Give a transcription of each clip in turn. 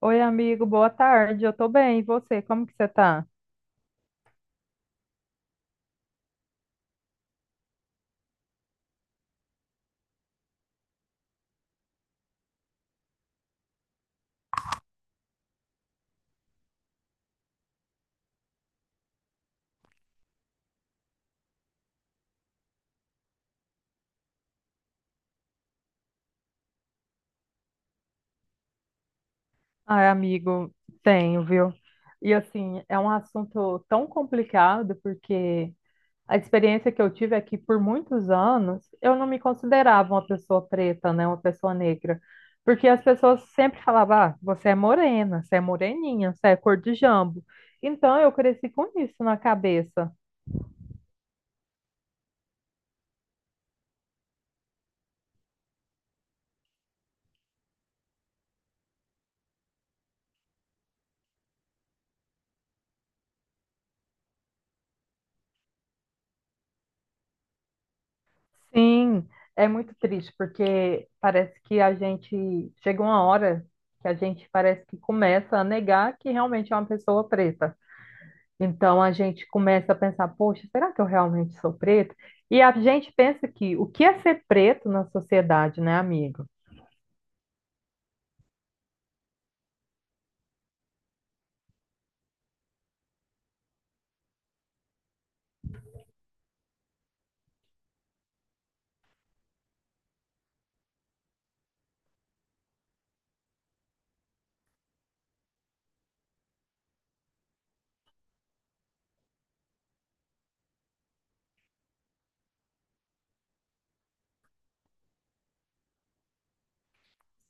Oi, amigo, boa tarde. Eu tô bem, e você? Como que você tá? Ai, amigo, tenho, viu? E assim, é um assunto tão complicado porque a experiência que eu tive é que por muitos anos eu não me considerava uma pessoa preta, né, uma pessoa negra, porque as pessoas sempre falavam: "Ah, você é morena, você é moreninha, você é cor de jambo". Então eu cresci com isso na cabeça. Sim, é muito triste, porque parece que a gente chega uma hora que a gente parece que começa a negar que realmente é uma pessoa preta. Então a gente começa a pensar, poxa, será que eu realmente sou preto? E a gente pensa que o que é ser preto na sociedade, né, amigo?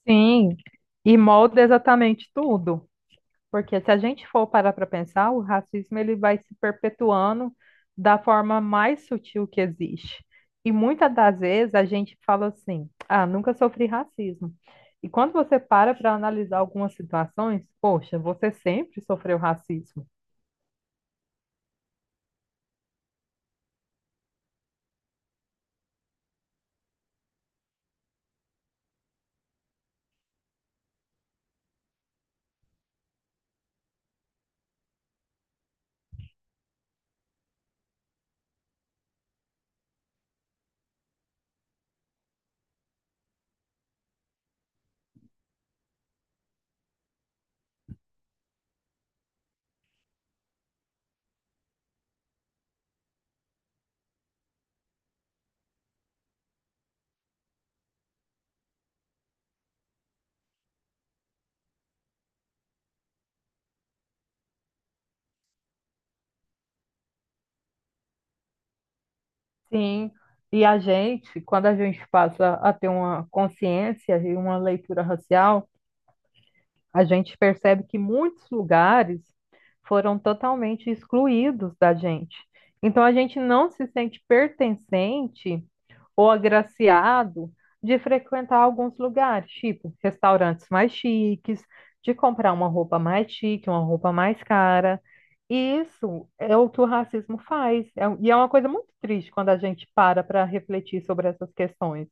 Sim, e molda exatamente tudo. Porque se a gente for parar para pensar, o racismo ele vai se perpetuando da forma mais sutil que existe. E muitas das vezes a gente fala assim: ah, nunca sofri racismo. E quando você para para analisar algumas situações, poxa, você sempre sofreu racismo. Sim. E a gente, quando a gente passa a ter uma consciência e uma leitura racial, a gente percebe que muitos lugares foram totalmente excluídos da gente. Então a gente não se sente pertencente ou agraciado de frequentar alguns lugares, tipo restaurantes mais chiques, de comprar uma roupa mais chique, uma roupa mais cara. E isso é o que o racismo faz. E é uma coisa muito triste quando a gente para para refletir sobre essas questões.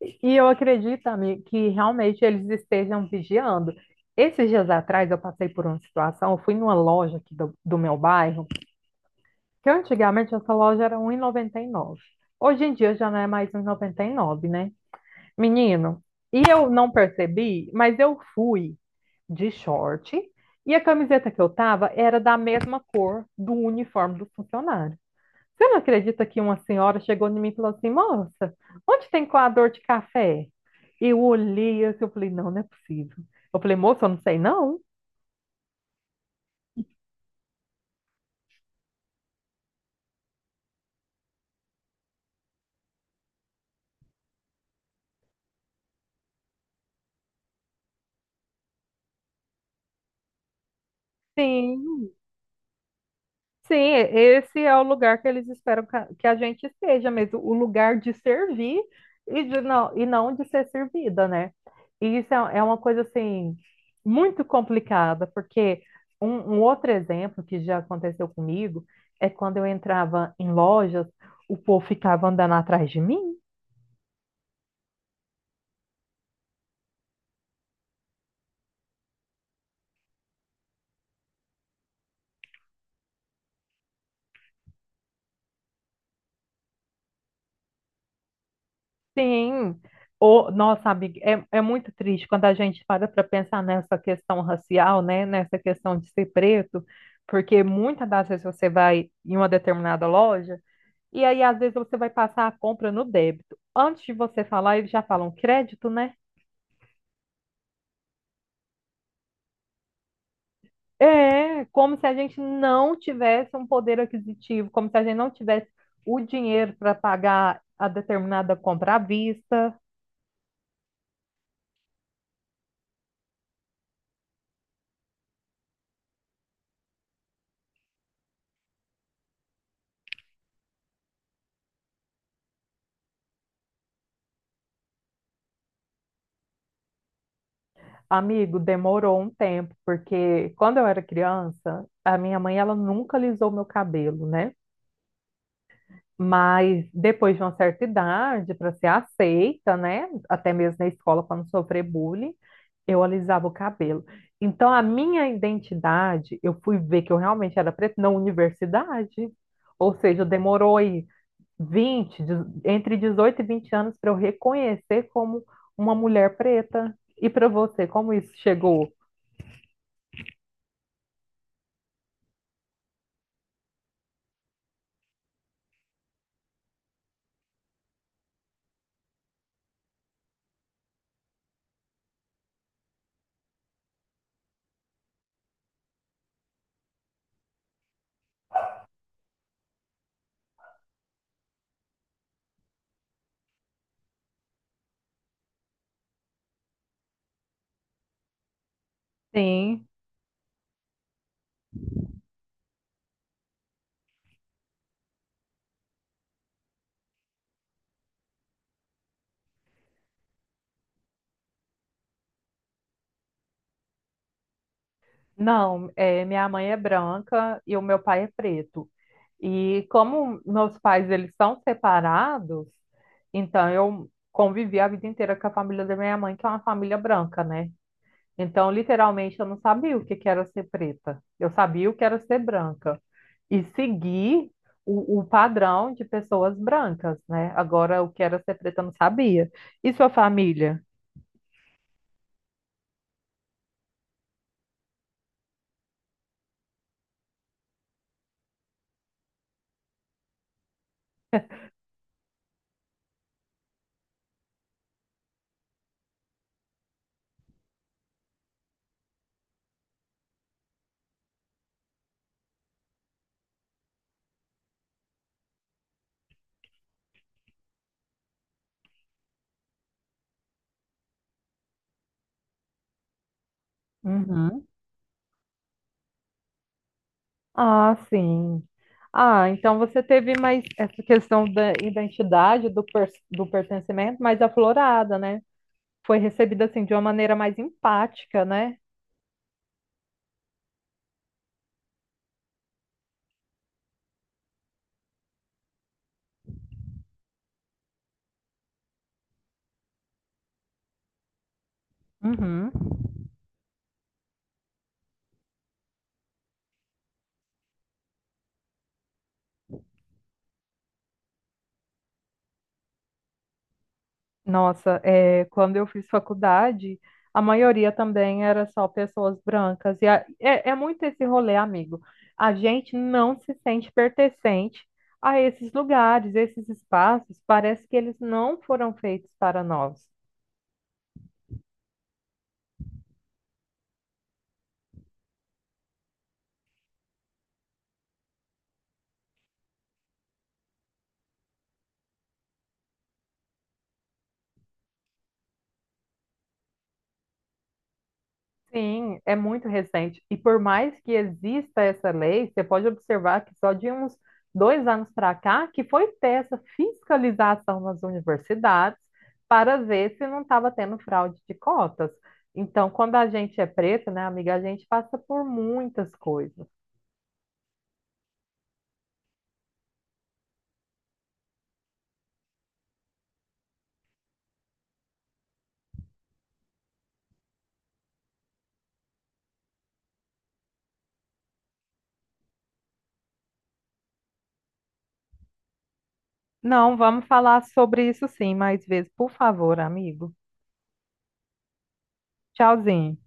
E eu acredito, amigo, que realmente eles estejam vigiando. Esses dias atrás eu passei por uma situação, eu fui numa loja aqui do meu bairro, que antigamente essa loja era um e noventa e nove. Hoje em dia já não é mais um e noventa e nove, né? Menino, e eu não percebi, mas eu fui de short e a camiseta que eu tava era da mesma cor do uniforme do funcionário. Você não acredita que uma senhora chegou em mim e falou assim, moça, onde tem coador de café? Eu olhei assim, eu falei, não, não é possível. Eu falei, moça, eu não sei não. Sim. Sim, esse é o lugar que eles esperam que a gente esteja mesmo, o lugar de servir e não de ser servida, né? E isso é, é uma coisa, assim, muito complicada, porque um outro exemplo que já aconteceu comigo é quando eu entrava em lojas, o povo ficava andando atrás de mim. Sim. O, nossa, amiga, é, é muito triste quando a gente para para pensar nessa questão racial, né? Nessa questão de ser preto, porque muitas das vezes você vai em uma determinada loja e aí às vezes você vai passar a compra no débito. Antes de você falar, eles já falam crédito, né? É, como se a gente não tivesse um poder aquisitivo, como se a gente não tivesse o dinheiro para pagar a determinada compra à vista. Amigo, demorou um tempo, porque quando eu era criança, a minha mãe ela nunca lisou meu cabelo, né? Mas depois de uma certa idade, para ser aceita, né? Até mesmo na escola, para não sofrer bullying, eu alisava o cabelo. Então, a minha identidade, eu fui ver que eu realmente era preta na universidade. Ou seja, demorou aí 20 de- entre 18 e 20 anos para eu reconhecer como uma mulher preta. E para você, como isso chegou? Sim. Não, é, minha mãe é branca e o meu pai é preto. E como meus pais eles são separados, então eu convivi a vida inteira com a família da minha mãe, que é uma família branca, né? Então, literalmente, eu não sabia o que que era ser preta. Eu sabia o que era ser branca. E seguir o padrão de pessoas brancas, né? Agora, o que era ser preta, eu não sabia. E sua família? Uhum. Ah, sim. Ah, então você teve mais essa questão da identidade, do pertencimento mais aflorada, né? Foi recebida assim de uma maneira mais empática, né? Uhum. Nossa, é, quando eu fiz faculdade, a maioria também era só pessoas brancas. E é muito esse rolê, amigo. A gente não se sente pertencente a esses lugares, esses espaços. Parece que eles não foram feitos para nós. Sim, é muito recente. E por mais que exista essa lei, você pode observar que só de uns 2 anos para cá que foi ter essa fiscalização nas universidades para ver se não estava tendo fraude de cotas. Então, quando a gente é preto, né, amiga, a gente passa por muitas coisas. Não, vamos falar sobre isso sim mais vezes, por favor, amigo. Tchauzinho.